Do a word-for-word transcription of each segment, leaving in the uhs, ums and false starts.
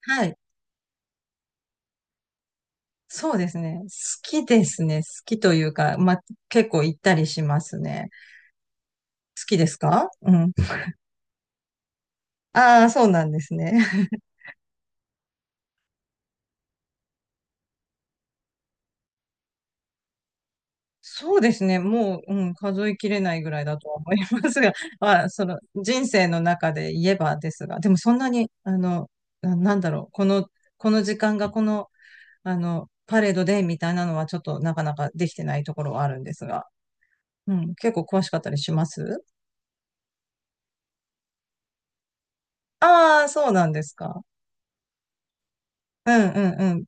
はい。そうですね。好きですね。好きというか、まあ、結構行ったりしますね。好きですか？うん。ああ、そうなんですね。そうですね。もう、うん、数えきれないぐらいだとは思いますが、まあ、その人生の中で言えばですが、でもそんなに、あの、な、なんだろう、この、この時間がこの、あの、パレードでみたいなのはちょっとなかなかできてないところはあるんですが、うん、結構詳しかったりします。ああー、そうなんですか。うんうんうん。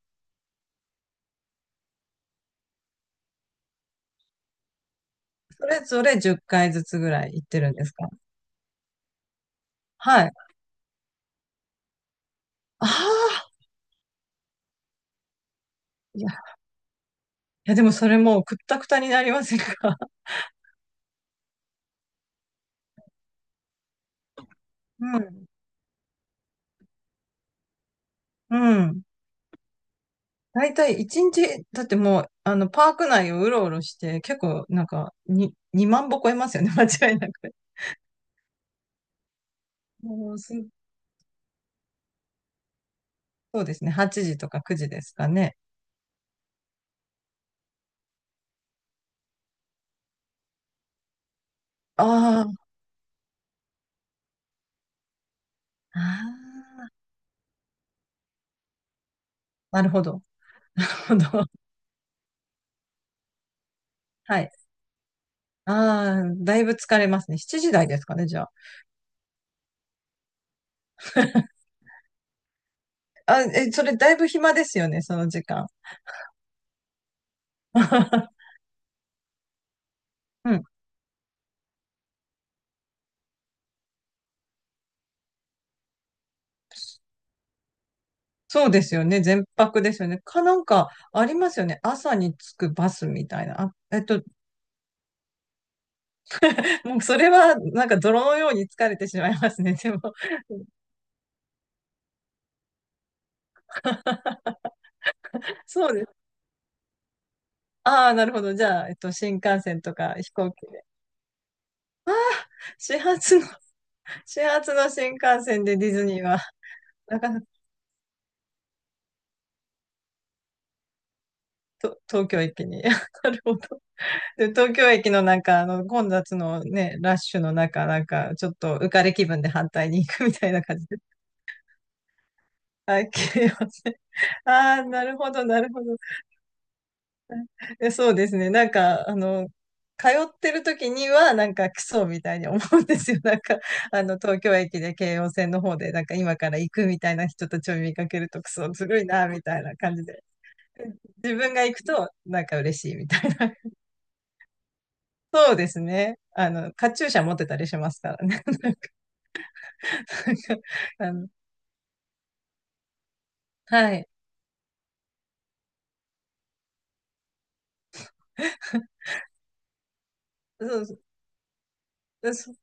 それぞれじゅっかいずつぐらい行ってるんですか？はい。ああ、いや、いやでもそれもうくったくたになりませんか？ うん。うん。だいたいいちにち、だってもう、あの、パーク内をうろうろして、結構なんか、に、にまん歩超えますよね、間違いなく。もうすそうですね、はちじとかくじですかね。あーあー、なるほど。なるほど。はい。ああ、だいぶ疲れますね。しちじ台ですかね、じゃあ。あ、え、それだいぶ暇ですよね、その時間。うん。そうですよね。全泊ですよね。か、なんか、ありますよね。朝に着くバスみたいな。あ、えっと、もうそれは、なんか泥のように疲れてしまいますね。でも、そうです。ああ、なるほど。じゃあ、えっと、新幹線とか飛行機で。始発の、始発の新幹線でディズニーは、なかなか。と東京駅に。なるほど。で、東京駅のなんか、あの、混雑のね、ラッシュの中、なんか、ちょっと浮かれ気分で反対に行くみたいな感じで。はい、切れません。ああ、なるほど、なるほど。え、そうですね。なんか、あの、通ってる時には、なんかクソみたいに思うんですよ。なんか、あの、東京駅で京王線の方で、なんか今から行くみたいな人たちを見かけると、クソずるいな、みたいな感じで。自分が行くと、なんか嬉しいみたいな。そうですね。あの、カチューシャ持ってたりしますからね。なんかあの、はい。そうそう。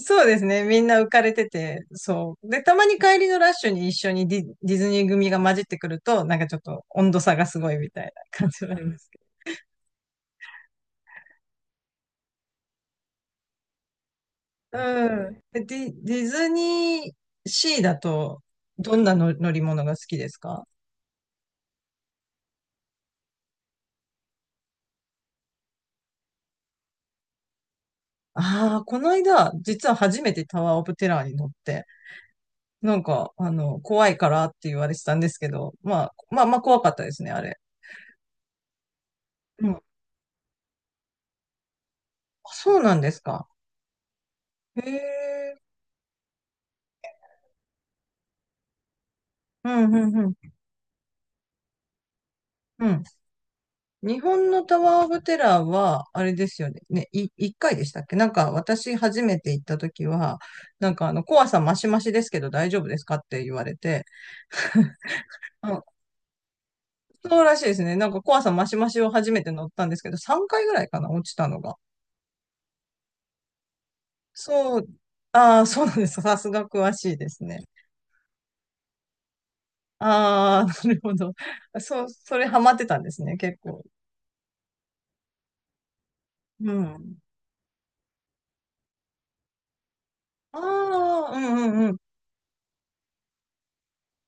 そうですね。みんな浮かれてて、そう。で、たまに帰りのラッシュに一緒にディ、ディズニー組が混じってくると、なんかちょっと温度差がすごいみたいな感じはありますけど。うん。ど。で、ディ、ディズニーシーだと、どんなの乗り物が好きですか？ああー、この間、実は初めてタワーオブテラーに乗って、なんか、あの、怖いからって言われてたんですけど、まあ、まあまあ怖かったですね、あれ。うん。あ、そうなんですか。へえ。うん、うん、うん。うん、日本のタワー・オブ・テラーは、あれですよね。ね、い、一回でしたっけ？なんか、私初めて行った時は、なんかあの、怖さマシマシですけど大丈夫ですかって言われて、あ、そうらしいですね。なんか怖さマシマシを初めて乗ったんですけど、さんかいぐらいかな、落ちたのが。そう、ああ、そうなんです。さすが詳しいですね。ああ、なるほど。そう、それハマってたんですね、結構。うん。ああ、うんうん、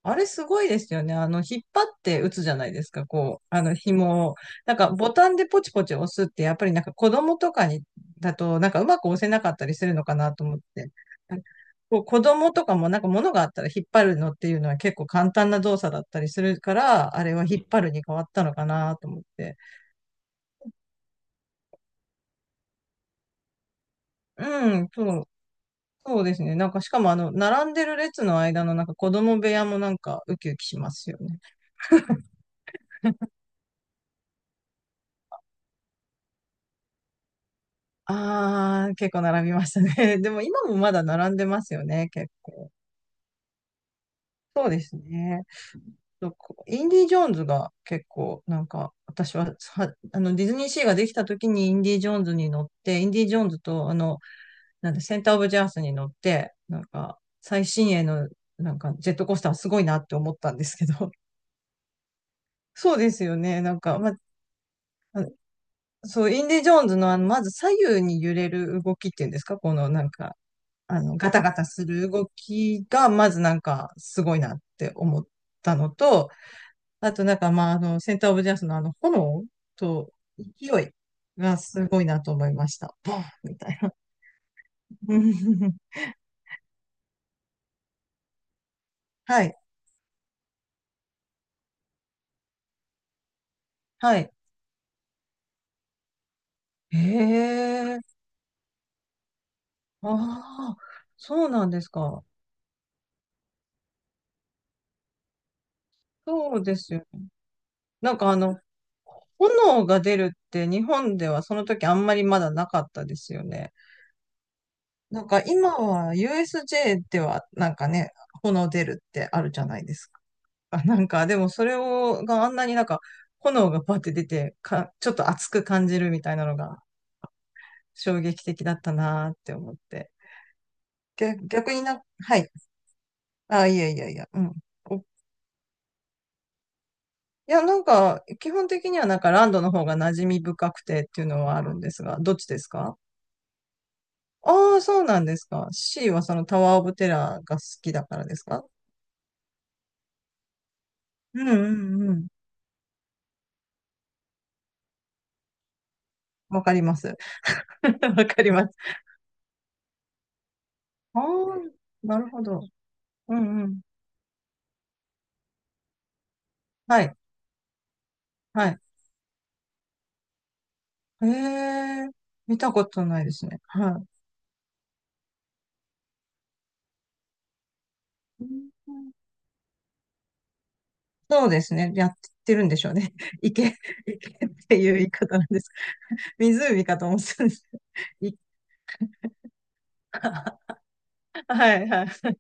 あれすごいですよね。あの、引っ張って打つじゃないですか、こう、あの、紐を。なんか、ボタンでポチポチ押すって、やっぱりなんか子供とかに、だと、なんかうまく押せなかったりするのかなと思って。なんかこう子供とかもなんか物があったら引っ張るのっていうのは結構簡単な動作だったりするから、あれは引っ張るに変わったのかなと思って。うん、そう、そうですね。なんか、しかもあの、並んでる列の間のなんか子供部屋もなんかウキウキしますよね。ああ、結構並びましたね。でも今もまだ並んでますよね、結構。そうですね。そうこうインディ・ージョーンズが結構、なんか、私は、は、あの、ディズニーシーができた時にインディ・ージョーンズに乗って、インディ・ージョーンズと、あの、なんだ、センター・オブ・ジャースに乗って、なんか、最新鋭の、なんか、ジェットコースターすごいなって思ったんですけど。そうですよね。なんか、まあ、そう、インディ・ージョーンズの、あの、まず左右に揺れる動きっていうんですか？この、なんか、あの、ガタガタする動きが、まずなんか、すごいなって思ったのと、あとなんか、まあ、あの、センターオブジャスのあの、炎と勢いがすごいなと思いました。ボンみたいな。はい、はい。へえ、ああ、そうなんですか。そうですよね。なんかあの、炎が出るって日本ではその時あんまりまだなかったですよね。なんか今は ユーエスジェー ではなんかね、炎出るってあるじゃないですか。あ、なんかでもそれを、があんなになんか炎がバって出てか、ちょっと熱く感じるみたいなのが衝撃的だったなーって思って。逆、逆にな、はい。あ、いやいやいや、うん。お、いや、なんか基本的にはなんかランドの方が馴染み深くてっていうのはあるんですが、どっちですか？ああー、そうなんですか。C はそのタワーオブテラーが好きだからですか？うんうんうん。わかります。わかります。ああ、なるほど。うんうん。はい。はい。へえ、見たことないですね。はい。うん、そうですね。やってるんでしょうね。池、池っていう言い方なんです。湖かと思ってたんです。い はいはい。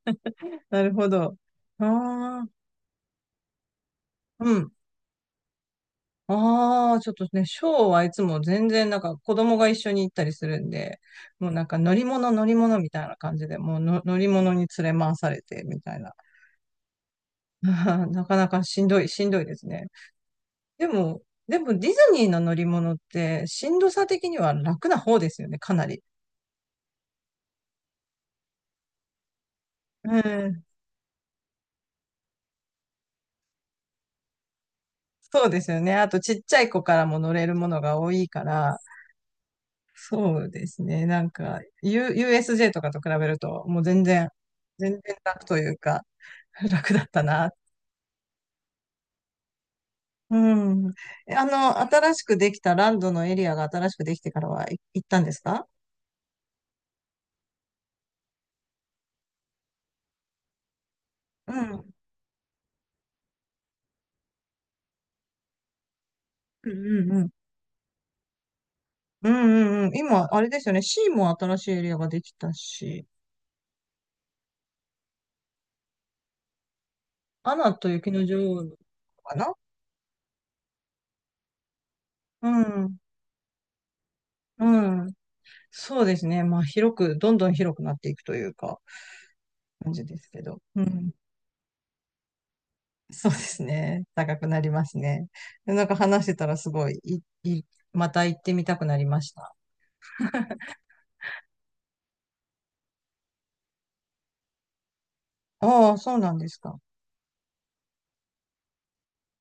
なるほど。ああ、うん。ああ、ちょっとね、ショーはいつも全然なんか子供が一緒に行ったりするんで、もうなんか乗り物乗り物みたいな感じで、もうの乗り物に連れ回されてみたいな。なかなかしんどい、しんどいですね。でも、でもディズニーの乗り物ってしんどさ的には楽な方ですよね、かなり。うん、そうですよね。あとちっちゃい子からも乗れるものが多いから、そうですね。なんか、U、ユーエスジェー とかと比べると、もう全然、全然楽というか、楽だったな。うん。え、あの、新しくできたランドのエリアが新しくできてからはい行ったんですか？うん。うんうんうん。うんうんうん。今、あれですよね。シーも新しいエリアができたし、アナと雪の女王かな。うん。うん。そうですね。まあ、広く、どんどん広くなっていくというか、感じですけど。うん。そうですね。高くなりますね。なんか話してたらすごい、い、い、また行ってみたくなりました。ああ、そうなんですか。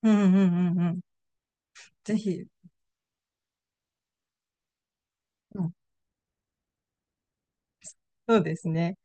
うんうんうんうん。ぜひ、うん、そうですね。